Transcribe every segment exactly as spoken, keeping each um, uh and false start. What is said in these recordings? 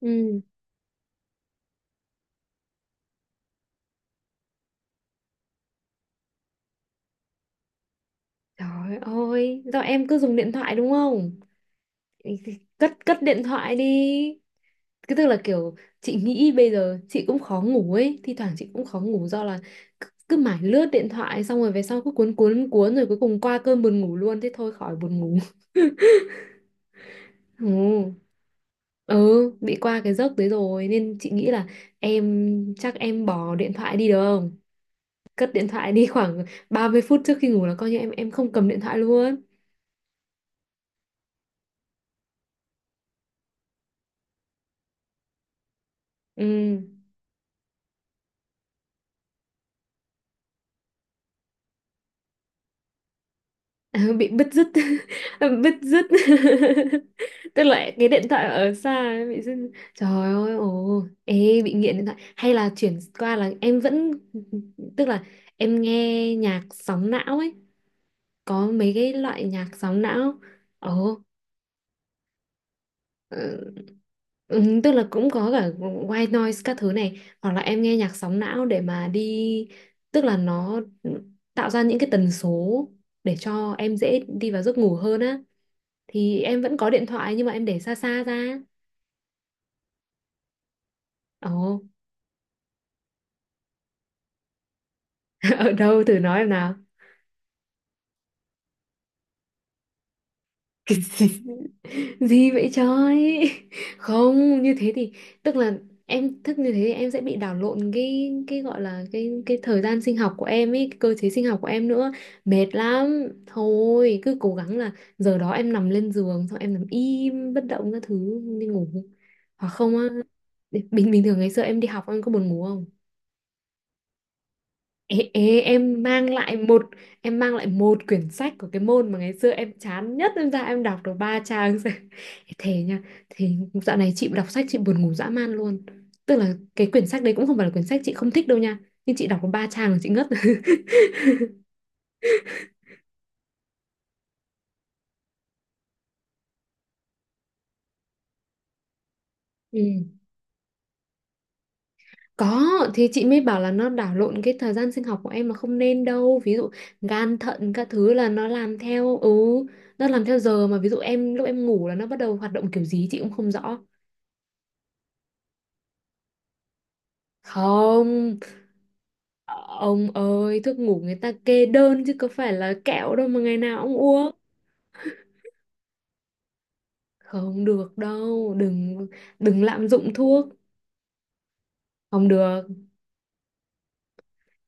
Ừ. Trời ơi, do em cứ dùng điện thoại đúng không? Cất cất điện thoại đi. Cái tức là kiểu chị nghĩ bây giờ chị cũng khó ngủ ấy, thi thoảng chị cũng khó ngủ do là cứ, cứ mải lướt điện thoại xong rồi về sau cứ cuốn cuốn cuốn rồi cuối cùng qua cơn buồn ngủ luôn thế thôi khỏi buồn ngủ. Ừ. Ừ, bị qua cái giấc đấy rồi nên chị nghĩ là em chắc em bỏ điện thoại đi được không? Cất điện thoại đi khoảng ba mươi phút trước khi ngủ là coi như em em không cầm điện thoại luôn. Ừ. Bị bứt rứt. Bứt rứt. Tức là cái điện thoại ở xa ấy, bị dứt. Trời ơi, ồ, ê, bị nghiện điện thoại hay là chuyển qua là em vẫn, tức là em nghe nhạc sóng não ấy, có mấy cái loại nhạc sóng não. Ồ. Ừ, ừ, tức là cũng có cả white noise các thứ này, hoặc là em nghe nhạc sóng não để mà đi, tức là nó tạo ra những cái tần số để cho em dễ đi vào giấc ngủ hơn á, thì em vẫn có điện thoại nhưng mà em để xa xa ra. Ồ. Ở đâu thử nói em nào. Cái gì, gì vậy trời. Không, như thế thì, tức là em thức như thế thì em sẽ bị đảo lộn cái cái gọi là cái cái thời gian sinh học của em ấy, cái cơ chế sinh học của em nữa, mệt lắm, thôi cứ cố gắng là giờ đó em nằm lên giường xong em nằm im bất động các thứ đi ngủ. Hoặc không á, bình bình thường ngày xưa em đi học em có buồn ngủ không? Ê, ê, em mang lại một, em mang lại một quyển sách của cái môn mà ngày xưa em chán nhất, em ra em đọc được ba trang. Thế nha, thì dạo này chị đọc sách chị buồn ngủ dã man luôn, tức là cái quyển sách đấy cũng không phải là quyển sách chị không thích đâu nha, nhưng chị đọc có ba trang là chị ngất. Ừ. Có, thì chị mới bảo là nó đảo lộn cái thời gian sinh học của em mà, không nên đâu, ví dụ gan thận các thứ là nó làm theo, ừ, nó làm theo giờ, mà ví dụ em lúc em ngủ là nó bắt đầu hoạt động, kiểu gì chị cũng không rõ. Không. Ông ơi, thuốc ngủ người ta kê đơn chứ có phải là kẹo đâu mà ngày nào ông uống. Không được đâu, đừng, đừng lạm dụng thuốc. Không được,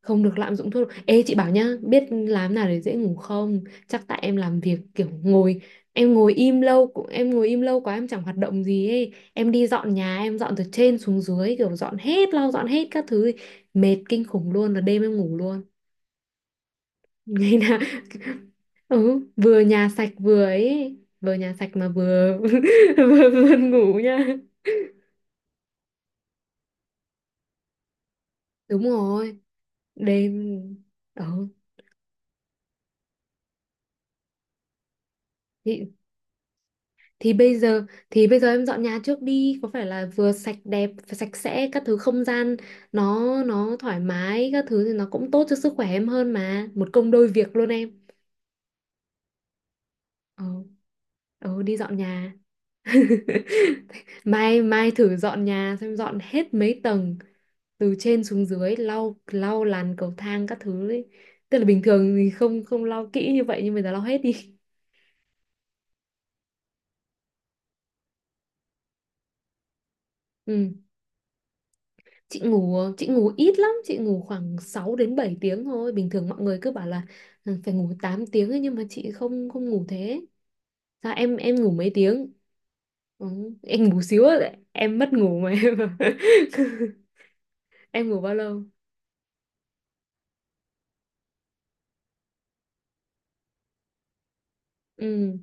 không được lạm dụng thuốc. Ê chị bảo nhá, biết làm nào để dễ ngủ không? Chắc tại em làm việc kiểu ngồi, em ngồi im lâu, cũng em ngồi im lâu quá em chẳng hoạt động gì ấy. Em đi dọn nhà, em dọn từ trên xuống dưới kiểu dọn hết, lau dọn hết các thứ, mệt kinh khủng luôn là đêm em ngủ luôn. Ngày nào. Ừ, vừa nhà sạch vừa ấy, vừa nhà sạch mà vừa vừa buồn ngủ nha. Đúng rồi. Đêm. Ừ. thì, thì bây giờ, thì bây giờ em dọn nhà trước đi, có phải là vừa sạch đẹp sạch sẽ các thứ, không gian nó nó thoải mái các thứ thì nó cũng tốt cho sức khỏe em hơn, mà một công đôi việc luôn em. Ừ. Ừ, đi dọn nhà. Mai, mai thử dọn nhà xem, dọn hết mấy tầng, từ trên xuống dưới, lau lau làn cầu thang các thứ ấy. Tức là bình thường thì không không lau kỹ như vậy, nhưng bây giờ lau hết đi. Ừ. Chị ngủ, chị ngủ ít lắm, chị ngủ khoảng sáu đến bảy tiếng thôi. Bình thường mọi người cứ bảo là "Ừ, phải ngủ tám tiếng ấy", nhưng mà chị không không ngủ thế. Sao em em ngủ mấy tiếng? Ừ. Em ngủ xíu á, em mất ngủ mà em. Em ngủ bao lâu? Ừ.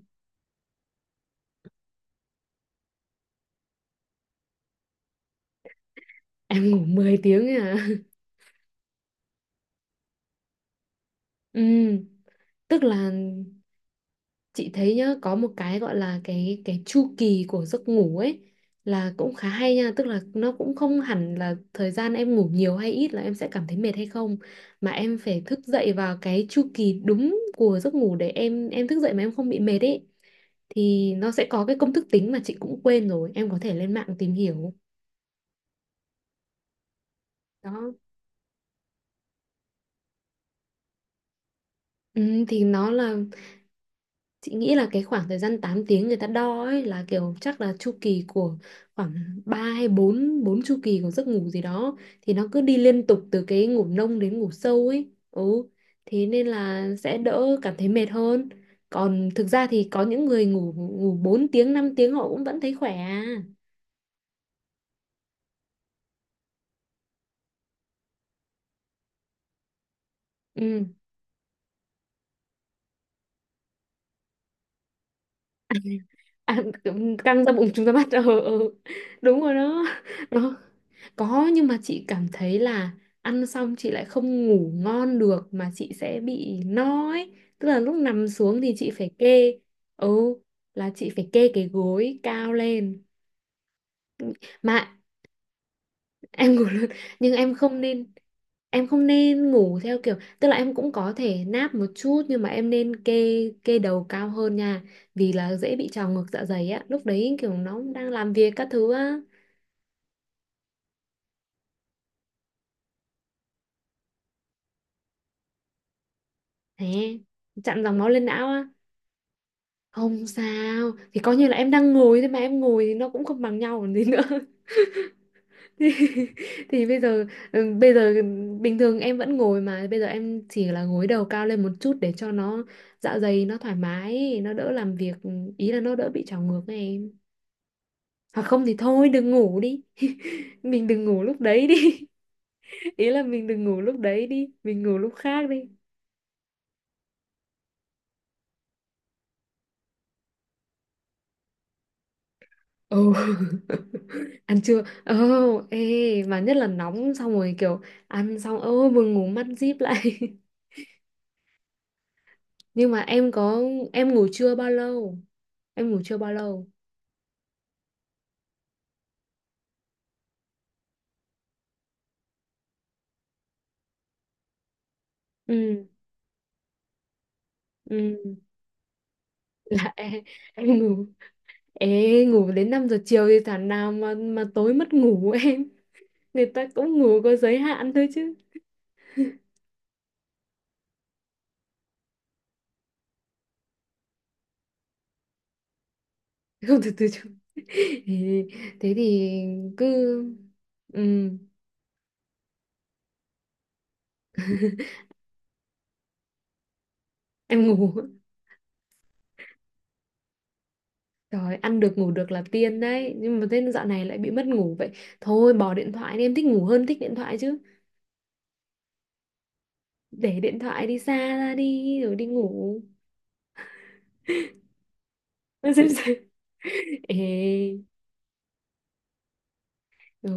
Em ngủ mười tiếng ấy à? Ừ. Tức là chị thấy nhá, có một cái gọi là cái cái chu kỳ của giấc ngủ ấy, là cũng khá hay nha, tức là nó cũng không hẳn là thời gian em ngủ nhiều hay ít là em sẽ cảm thấy mệt hay không, mà em phải thức dậy vào cái chu kỳ đúng của giấc ngủ để em em thức dậy mà em không bị mệt ấy, thì nó sẽ có cái công thức tính mà chị cũng quên rồi, em có thể lên mạng tìm hiểu. Đó. Ừ, thì nó là, chị nghĩ là cái khoảng thời gian tám tiếng người ta đo ấy là kiểu chắc là chu kỳ của khoảng ba hay bốn bốn chu kỳ của giấc ngủ gì đó, thì nó cứ đi liên tục từ cái ngủ nông đến ngủ sâu ấy. Ừ. Thế nên là sẽ đỡ cảm thấy mệt hơn. Còn thực ra thì có những người ngủ ngủ bốn tiếng, năm tiếng họ cũng vẫn thấy khỏe à. Ừ. À, kiểu căng ra bụng chúng ta bắt, ờ, ừ, đúng rồi đó. Đó. Có, nhưng mà chị cảm thấy là ăn xong chị lại không ngủ ngon được, mà chị sẽ bị no ấy, tức là lúc nằm xuống thì chị phải kê, ừ, là chị phải kê cái gối cao lên. Mà em ngủ luôn, nhưng em không nên, em không nên ngủ theo kiểu, tức là em cũng có thể náp một chút, nhưng mà em nên kê, kê đầu cao hơn nha, vì là dễ bị trào ngược dạ dày á, lúc đấy kiểu nó đang làm việc các thứ á. Thế, chặn dòng máu lên não á. Không sao, thì coi như là em đang ngồi thế, mà em ngồi thì nó cũng không bằng nhau còn gì nữa. Thì, thì bây giờ, ừ, bây giờ bình thường em vẫn ngồi mà, bây giờ em chỉ là gối đầu cao lên một chút để cho nó, dạ dày nó thoải mái, nó đỡ làm việc, ý là nó đỡ bị trào ngược này em. Hoặc không thì thôi đừng ngủ đi. Mình đừng ngủ lúc đấy đi. Ý là mình đừng ngủ lúc đấy đi, mình ngủ lúc khác đi. Ồ. Ăn chưa, ồ, ê, mà nhất là nóng xong rồi kiểu ăn xong ơ, vừa ngủ mắt díp lại. Nhưng mà em có, em ngủ chưa bao lâu, em ngủ chưa bao lâu. Ừ. Ừ. Là em, em ngủ, ê, ngủ đến năm giờ chiều thì thằng nào mà mà tối mất ngủ. Em, người ta cũng ngủ có giới hạn thôi chứ. Không, từ từ chứ. Ê, thế thì cứ, ừ, em ngủ. Rồi, ăn được ngủ được là tiên đấy, nhưng mà thế dạo này lại bị mất ngủ vậy, thôi bỏ điện thoại đi, em thích ngủ hơn thích điện thoại chứ, để điện thoại đi xa ra đi rồi đi ngủ. Xem xem. Ê. Ừ,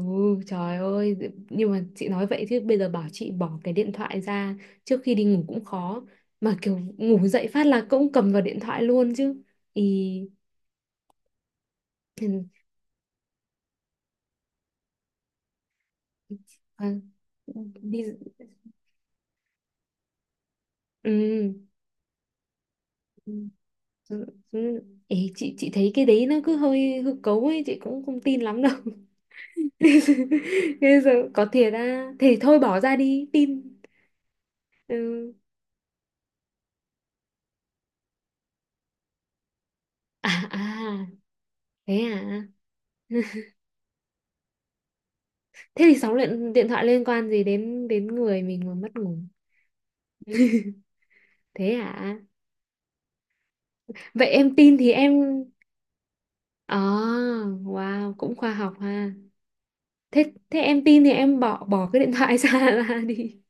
trời ơi, nhưng mà chị nói vậy chứ bây giờ bảo chị bỏ cái điện thoại ra trước khi đi ngủ cũng khó. Mà kiểu ngủ dậy phát là cũng cầm vào điện thoại luôn chứ. Ý, ừ, à, đi, ừ, ừ, ừ. Ừ. Ê, chị chị thấy cái đấy nó cứ hơi hư cấu ấy, chị cũng không tin lắm đâu. Bây giờ có thiệt à, thì thôi bỏ ra đi, tin. Ừ. À, à, thế à. Thế thì sóng điện, điện thoại liên quan gì đến đến người mình mà mất ngủ? Thế hả? Vậy em tin thì em, à, wow, cũng khoa học ha. Thế, thế em tin thì em bỏ, bỏ cái điện thoại ra ra đi.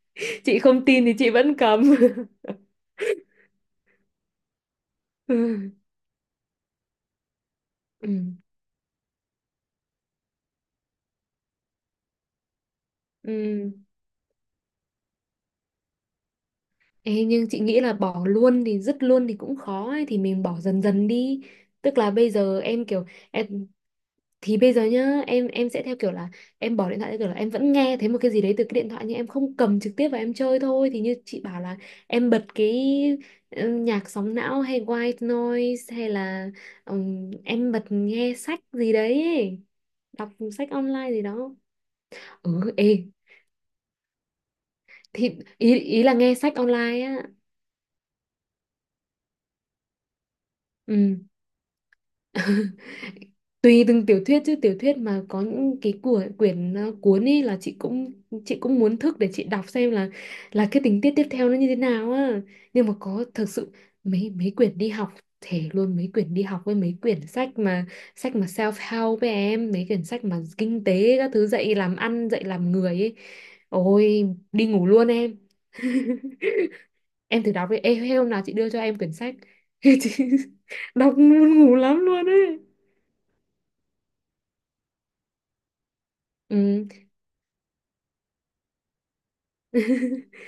Chị không tin thì chị vẫn cầm. Ừ. Ừ. Ừ. Ê, nhưng chị nghĩ là bỏ luôn thì dứt luôn thì cũng khó ấy, thì mình bỏ dần dần đi. Tức là bây giờ em kiểu, em, thì bây giờ nhá em em sẽ theo kiểu là em bỏ điện thoại theo kiểu là em vẫn nghe thấy một cái gì đấy từ cái điện thoại nhưng em không cầm trực tiếp và em chơi thôi, thì như chị bảo là em bật cái, ừ, nhạc sóng não hay white noise hay là, ừm, em bật nghe sách gì đấy ấy, đọc sách online gì đó. Ừ, ê, thì ý ý là nghe sách online á. Ừ, tùy từng tiểu thuyết chứ, tiểu thuyết mà có những cái của quyển, ờ, cuốn ấy là chị cũng, chị cũng muốn thức để chị đọc xem là là cái tình tiết tiếp theo nó như thế nào á, nhưng mà có thực sự, mấy mấy quyển đi học, thể luôn mấy quyển đi học, với mấy quyển sách mà, sách mà self help với em, mấy quyển sách mà kinh tế các thứ, dạy làm ăn dạy làm người ấy, ôi đi ngủ luôn em. Em thử đọc đi. Ê, hôm nào chị đưa cho em quyển sách chị đọc muốn ngủ lắm luôn ấy. Ừ.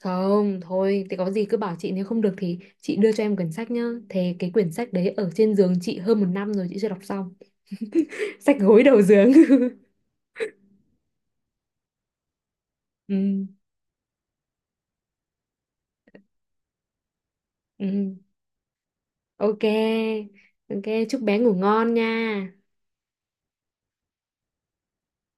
Không, thôi, thì có gì cứ bảo chị, nếu không được thì chị đưa cho em quyển sách nhá. Thế cái quyển sách đấy ở trên giường chị hơn một năm rồi chị chưa đọc xong. Sách gối đầu giường. Ừ, ừ. Ok, ok, chúc bé ngủ ngon nha.